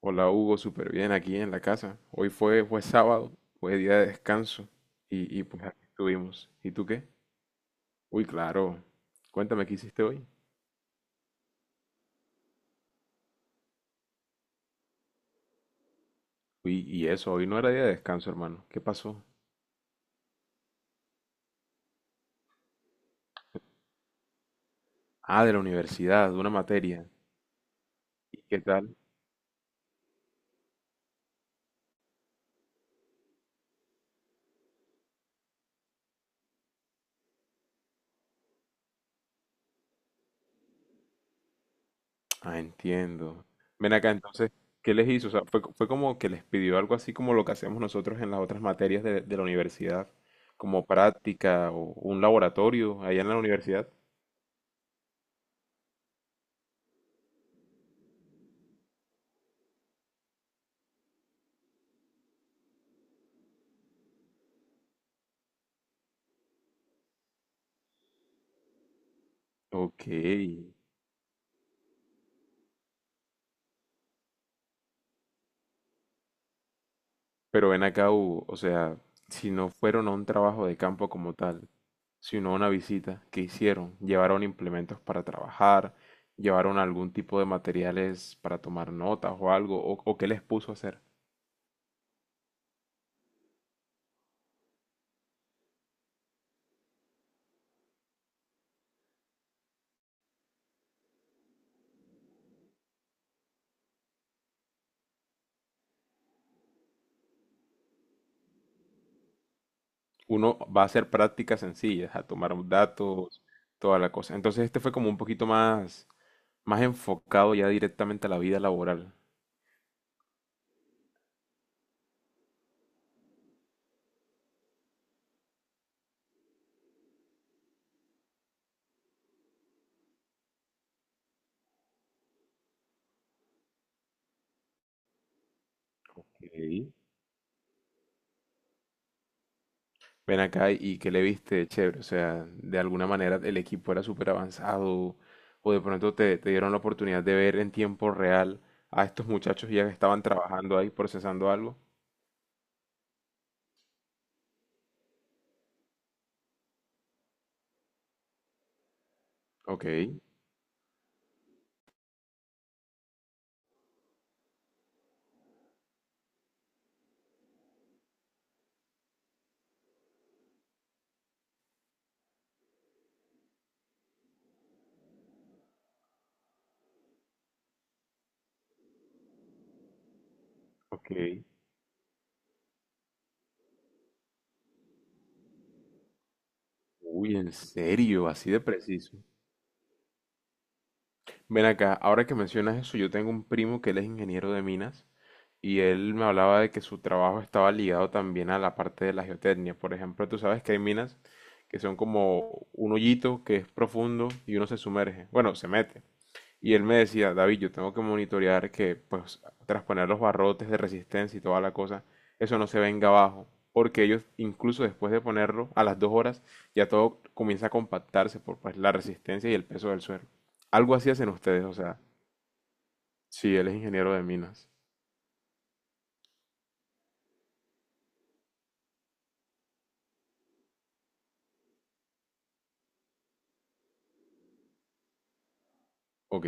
Hola Hugo, súper bien aquí en la casa. Hoy fue sábado, fue día de descanso y pues aquí estuvimos. ¿Y tú qué? Uy, claro. Cuéntame qué hiciste hoy. Uy, y eso, hoy no era día de descanso, hermano. ¿Qué pasó? Ah, de la universidad, de una materia. ¿Y qué tal? Ah, entiendo. Ven acá entonces, ¿qué les hizo? O sea, fue como que les pidió algo así como lo que hacemos nosotros en las otras materias de la universidad, como práctica o un laboratorio allá en la universidad. Ok. Pero ven acá, Hugo, o sea, si no fueron a un trabajo de campo como tal, sino a una visita, ¿qué hicieron? ¿Llevaron implementos para trabajar? ¿Llevaron algún tipo de materiales para tomar notas o algo? ¿O qué les puso a hacer? Uno va a hacer prácticas sencillas, a tomar datos, toda la cosa. Entonces este fue como un poquito más, más enfocado ya directamente a la vida laboral. Ok. Ven acá y que le viste chévere, o sea, de alguna manera el equipo era súper avanzado o de pronto te dieron la oportunidad de ver en tiempo real a estos muchachos ya que estaban trabajando ahí procesando algo. Ok, ok. Uy, ¿en serio? Así de preciso. Ven acá, ahora que mencionas eso, yo tengo un primo que él es ingeniero de minas y él me hablaba de que su trabajo estaba ligado también a la parte de la geotecnia. Por ejemplo, tú sabes que hay minas que son como un hoyito que es profundo y uno se sumerge. Bueno, se mete. Y él me decía: David, yo tengo que monitorear que, pues, tras poner los barrotes de resistencia y toda la cosa, eso no se venga abajo. Porque ellos, incluso después de ponerlo, a las 2 horas, ya todo comienza a compactarse por, pues, la resistencia y el peso del suelo. Algo así hacen ustedes, o sea, sí, él es ingeniero de minas. Ok,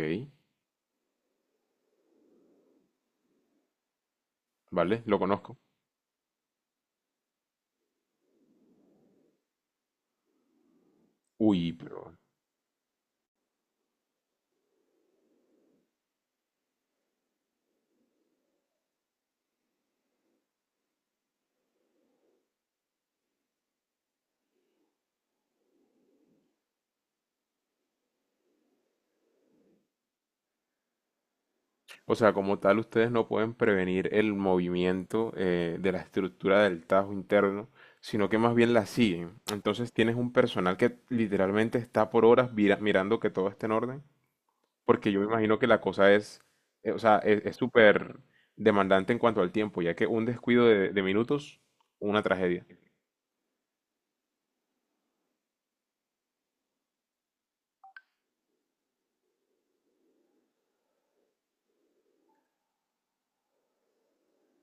vale, lo conozco. Uy, pero o sea, como tal, ustedes no pueden prevenir el movimiento de la estructura del tajo interno, sino que más bien la siguen. Entonces tienes un personal que literalmente está por horas mirando que todo esté en orden, porque yo me imagino que la cosa es, o sea, es súper demandante en cuanto al tiempo, ya que un descuido de minutos, una tragedia.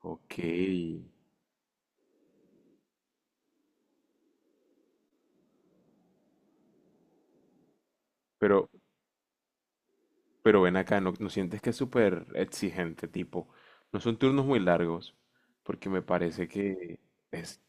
Ok, pero, pero ven acá, ¿no sientes que es súper exigente, tipo? No son turnos muy largos, porque me parece que... Es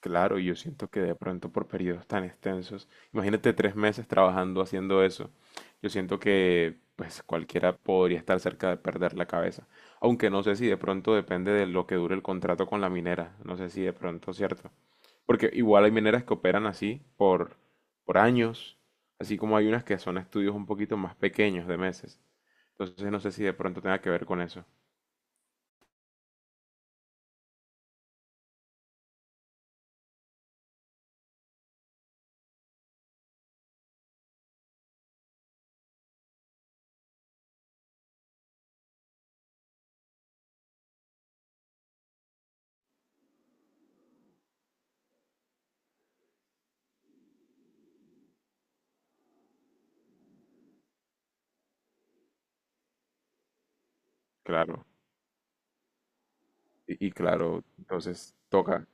claro, yo siento que de pronto por periodos tan extensos, imagínate 3 meses trabajando haciendo eso, yo siento que pues cualquiera podría estar cerca de perder la cabeza, aunque no sé si de pronto depende de lo que dure el contrato con la minera, no sé si de pronto, ¿cierto? Porque igual hay mineras que operan así por años, así como hay unas que son estudios un poquito más pequeños de meses, entonces no sé si de pronto tenga que ver con eso, claro, y claro, entonces toca.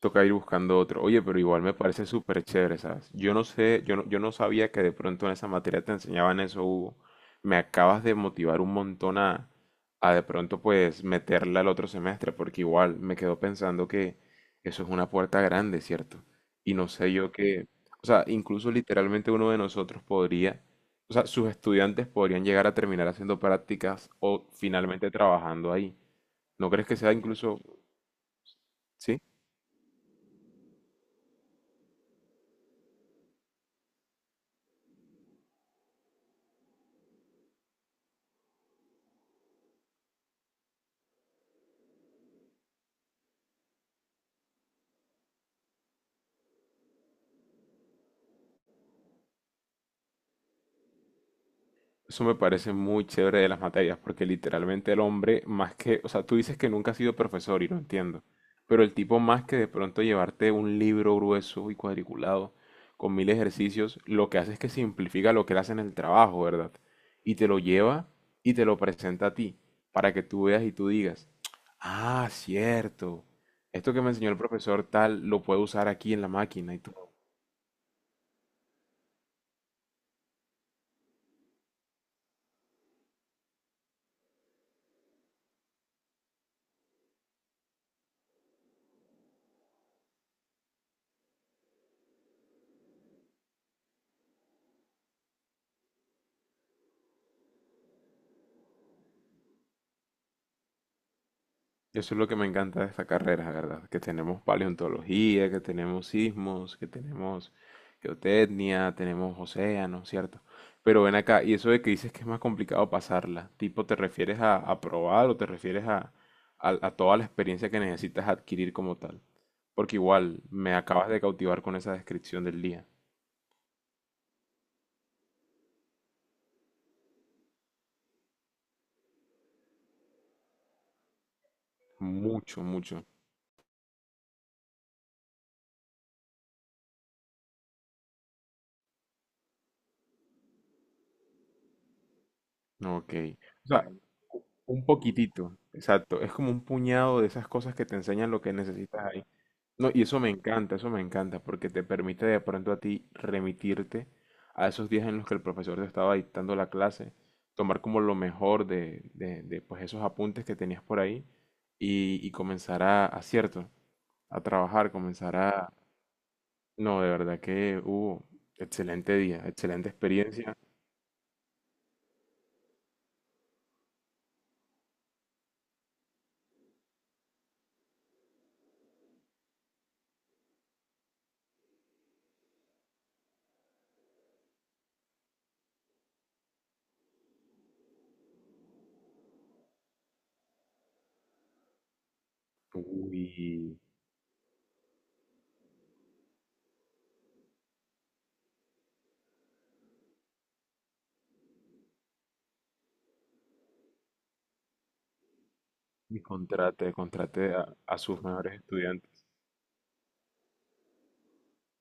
Toca ir buscando otro. Oye, pero igual me parece súper chévere, ¿sabes? Yo no sé, yo no, yo no sabía que de pronto en esa materia te enseñaban eso, Hugo. Me acabas de motivar un montón a de pronto pues meterla al otro semestre, porque igual me quedo pensando que eso es una puerta grande, ¿cierto? Y no sé yo qué, o sea, incluso literalmente uno de nosotros podría, o sea, sus estudiantes podrían llegar a terminar haciendo prácticas o finalmente trabajando ahí. ¿No crees que sea incluso, sí? Eso me parece muy chévere de las materias, porque literalmente el hombre, más que, o sea, tú dices que nunca has sido profesor y lo entiendo, pero el tipo más que de pronto llevarte un libro grueso y cuadriculado con mil ejercicios, lo que hace es que simplifica lo que él hace en el trabajo, ¿verdad? Y te lo lleva y te lo presenta a ti, para que tú veas y tú digas, ah, cierto, esto que me enseñó el profesor tal lo puedo usar aquí en la máquina. Y tú eso es lo que me encanta de esta carrera, la ¿verdad? Que tenemos paleontología, que tenemos sismos, que tenemos geotecnia, tenemos océanos, ¿cierto? Pero ven acá, y eso de que dices que es más complicado pasarla, tipo, ¿te refieres a probar o te refieres a toda la experiencia que necesitas adquirir como tal? Porque igual, me acabas de cautivar con esa descripción del día. Mucho, mucho. Ok. O sea, un poquitito, exacto. Es como un puñado de esas cosas que te enseñan lo que necesitas ahí. No, y eso me encanta, porque te permite de pronto a ti remitirte a esos días en los que el profesor te estaba dictando la clase, tomar como lo mejor de pues esos apuntes que tenías por ahí y comenzar a cierto, a trabajar, comenzar a... No, de verdad que hubo excelente día, excelente experiencia. Uy, y contrate, contrate a sus mejores estudiantes.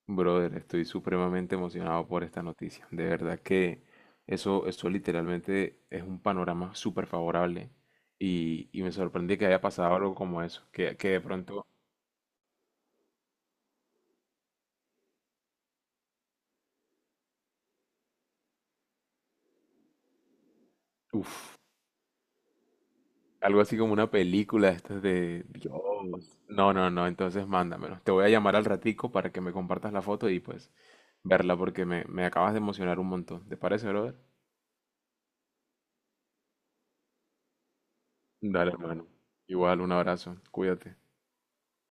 Brother, estoy supremamente emocionado por esta noticia. De verdad que eso literalmente es un panorama súper favorable y me sorprendí que haya pasado algo como eso, que de pronto, uff, algo así como una película de estas de Dios. No, no, no, entonces mándamelo. Te voy a llamar al ratico para que me compartas la foto y pues verla porque me acabas de emocionar un montón. ¿Te parece, brother? Dale, hermano. Igual, un abrazo. Cuídate.